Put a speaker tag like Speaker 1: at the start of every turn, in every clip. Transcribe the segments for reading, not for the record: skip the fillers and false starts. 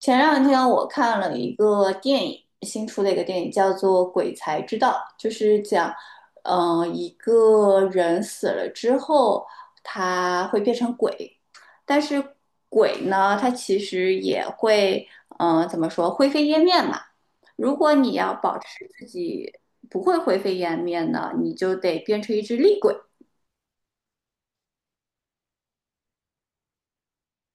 Speaker 1: 前两天我看了一个电影，新出的一个电影叫做《鬼才之道》，就是讲，一个人死了之后，他会变成鬼，但是鬼呢，它其实也会，怎么说，灰飞烟灭嘛。如果你要保持自己不会灰飞烟灭呢，你就得变成一只厉鬼。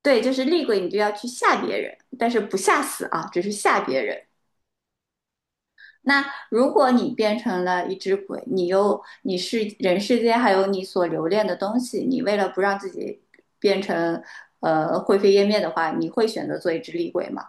Speaker 1: 对，就是厉鬼，你就要去吓别人，但是不吓死啊，只是吓别人。那如果你变成了一只鬼，你是人世间还有你所留恋的东西，你为了不让自己变成灰飞烟灭的话，你会选择做一只厉鬼吗？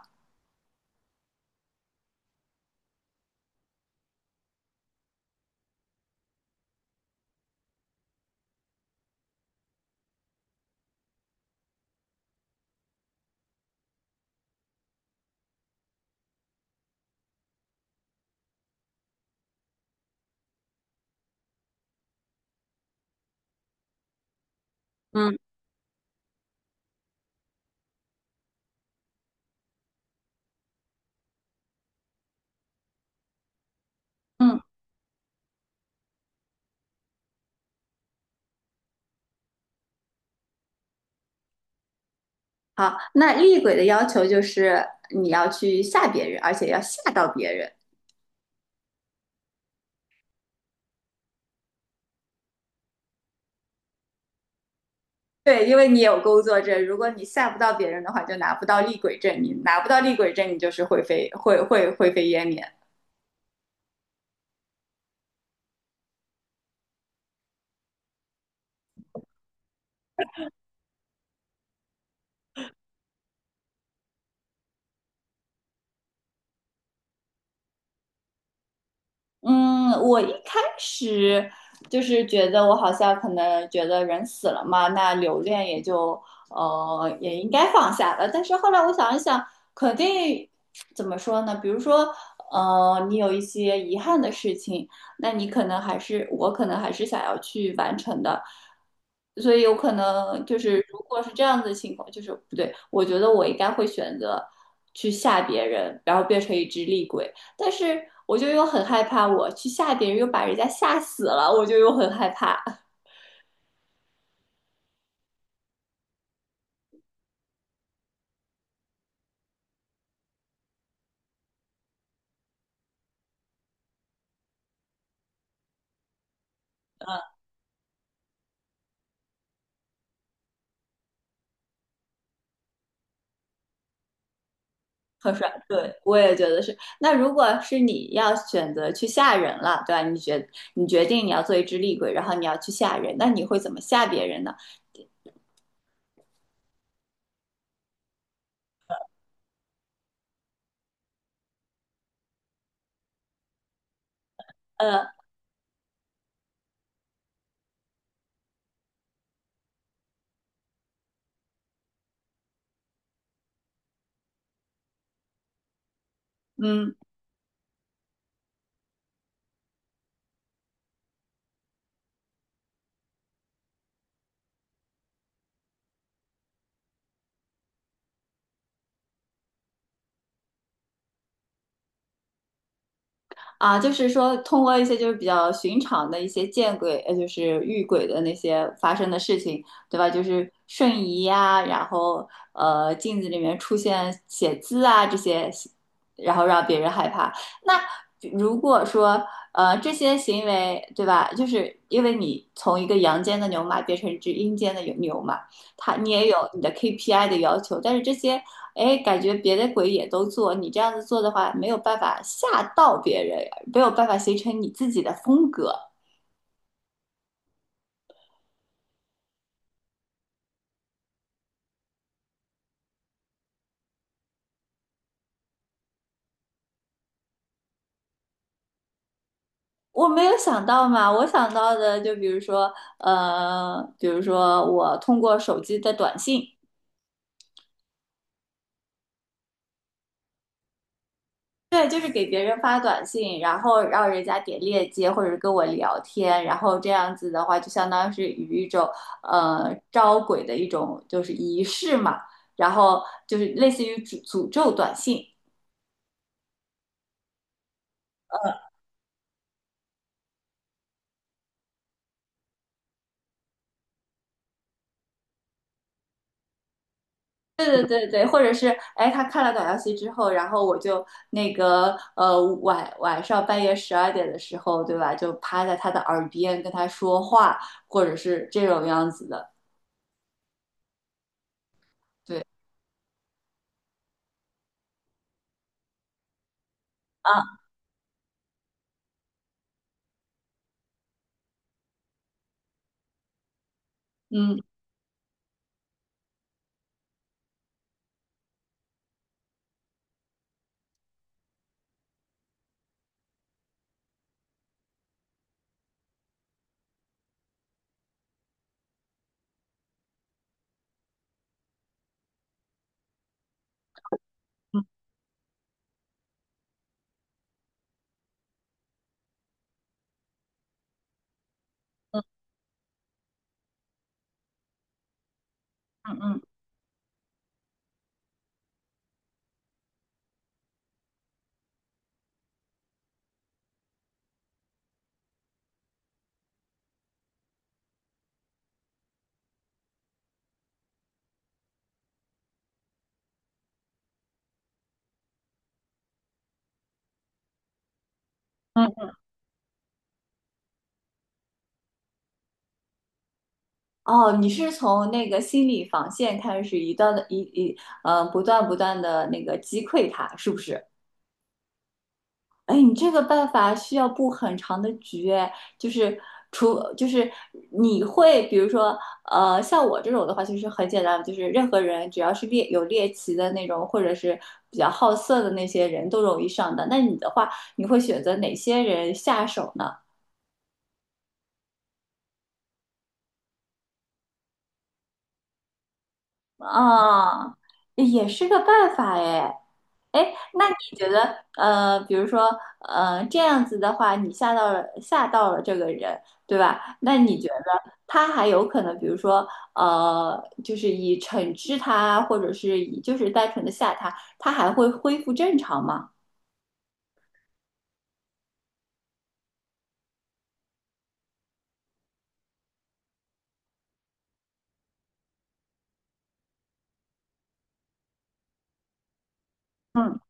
Speaker 1: 嗯嗯，好，那厉鬼的要求就是你要去吓别人，而且要吓到别人。对，因为你有工作证，如果你吓不到别人的话，就拿不到厉鬼证，你拿不到厉鬼证，你就是会灰飞烟灭。嗯，我一开始就是觉得我好像可能觉得人死了嘛，那留恋也就也应该放下了。但是后来我想一想，肯定怎么说呢？比如说你有一些遗憾的事情，那你可能还是我可能还是想要去完成的，所以有可能就是如果是这样子的情况，就是不对，我觉得我应该会选择去吓别人，然后变成一只厉鬼。但是我就又很害怕，我去吓别人又把人家吓死了，我就又很害怕，很帅。对，我也觉得是。那如果是你要选择去吓人了，对吧？你决定你要做一只厉鬼，然后你要去吓人，那你会怎么吓别人呢？呃，嗯，啊，就是说通过一些就是比较寻常的一些见鬼，就是遇鬼的那些发生的事情，对吧？就是瞬移呀、然后镜子里面出现写字啊这些，然后让别人害怕。那如果说这些行为，对吧？就是因为你从一个阳间的牛马变成一只阴间的牛马，它你也有你的 KPI 的要求，但是这些哎，感觉别的鬼也都做，你这样子做的话，没有办法吓到别人，没有办法形成你自己的风格。我没有想到嘛，我想到的就比如说，比如说我通过手机的短信，对，就是给别人发短信，然后让人家点链接或者跟我聊天，然后这样子的话，就相当于是与一种招鬼的一种就是仪式嘛，然后就是类似于诅咒短信。对对对对，或者是哎，他看了短消息之后，然后我就那个晚上半夜12点的时候，对吧？就趴在他的耳边跟他说话，或者是这种样子的。对啊，嗯嗯嗯嗯嗯嗯。哦，你是从那个心理防线开始，一段的一一呃，不断不断的那个击溃他，是不是？哎，你这个办法需要布很长的局，哎，就是除就是你会，比如说，像我这种的话，其实很简单，就是任何人只要是有猎奇的那种，或者是比较好色的那些人都容易上当。那你的话，你会选择哪些人下手呢？啊，也是个办法哎。哎，那你觉得，比如说，这样子的话，你吓到了这个人，对吧？那你觉得他还有可能，比如说，就是以惩治他，或者是以就是单纯的吓他，他还会恢复正常吗？嗯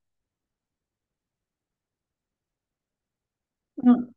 Speaker 1: 嗯。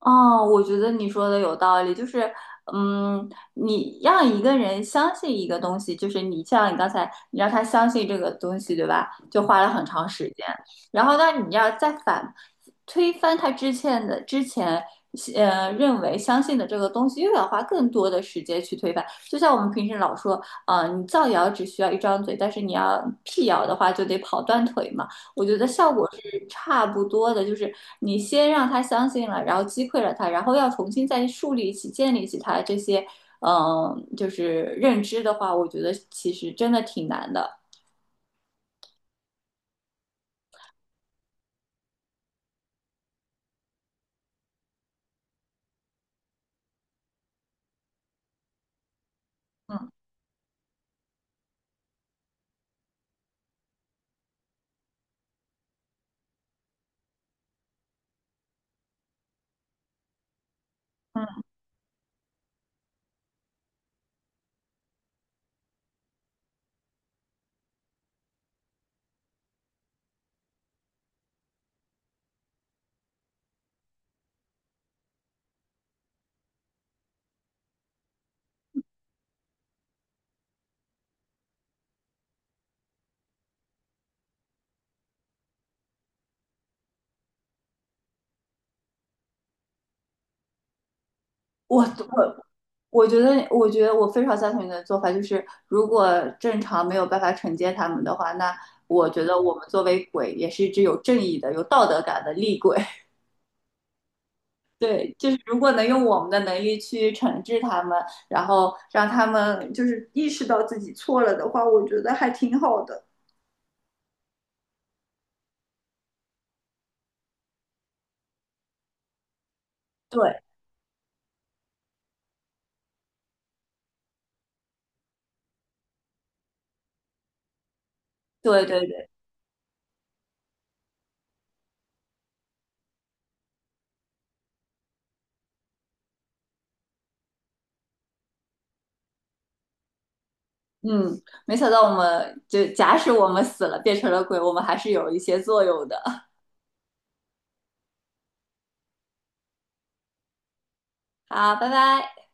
Speaker 1: 哦，我觉得你说的有道理，就是，嗯，你让一个人相信一个东西，就是你像你刚才，你让他相信这个东西，对吧？就花了很长时间，然后呢，你要再推翻他之前，认为相信的这个东西，又要花更多的时间去推翻。就像我们平时老说，啊、你造谣只需要一张嘴，但是你要辟谣的话，就得跑断腿嘛。我觉得效果是差不多的，就是你先让他相信了，然后击溃了他，然后要重新再树立起、建立起他这些，就是认知的话，我觉得其实真的挺难的。嗯嗯，我我我觉得我非常赞同你的做法，就是如果正常没有办法惩戒他们的话，那我觉得我们作为鬼也是一只有正义的、有道德感的厉鬼。对，就是如果能用我们的能力去惩治他们，然后让他们就是意识到自己错了的话，我觉得还挺好的。对，对，对，对，嗯，没想到我们就假使我们死了变成了鬼，我们还是有一些作用的。好，拜拜。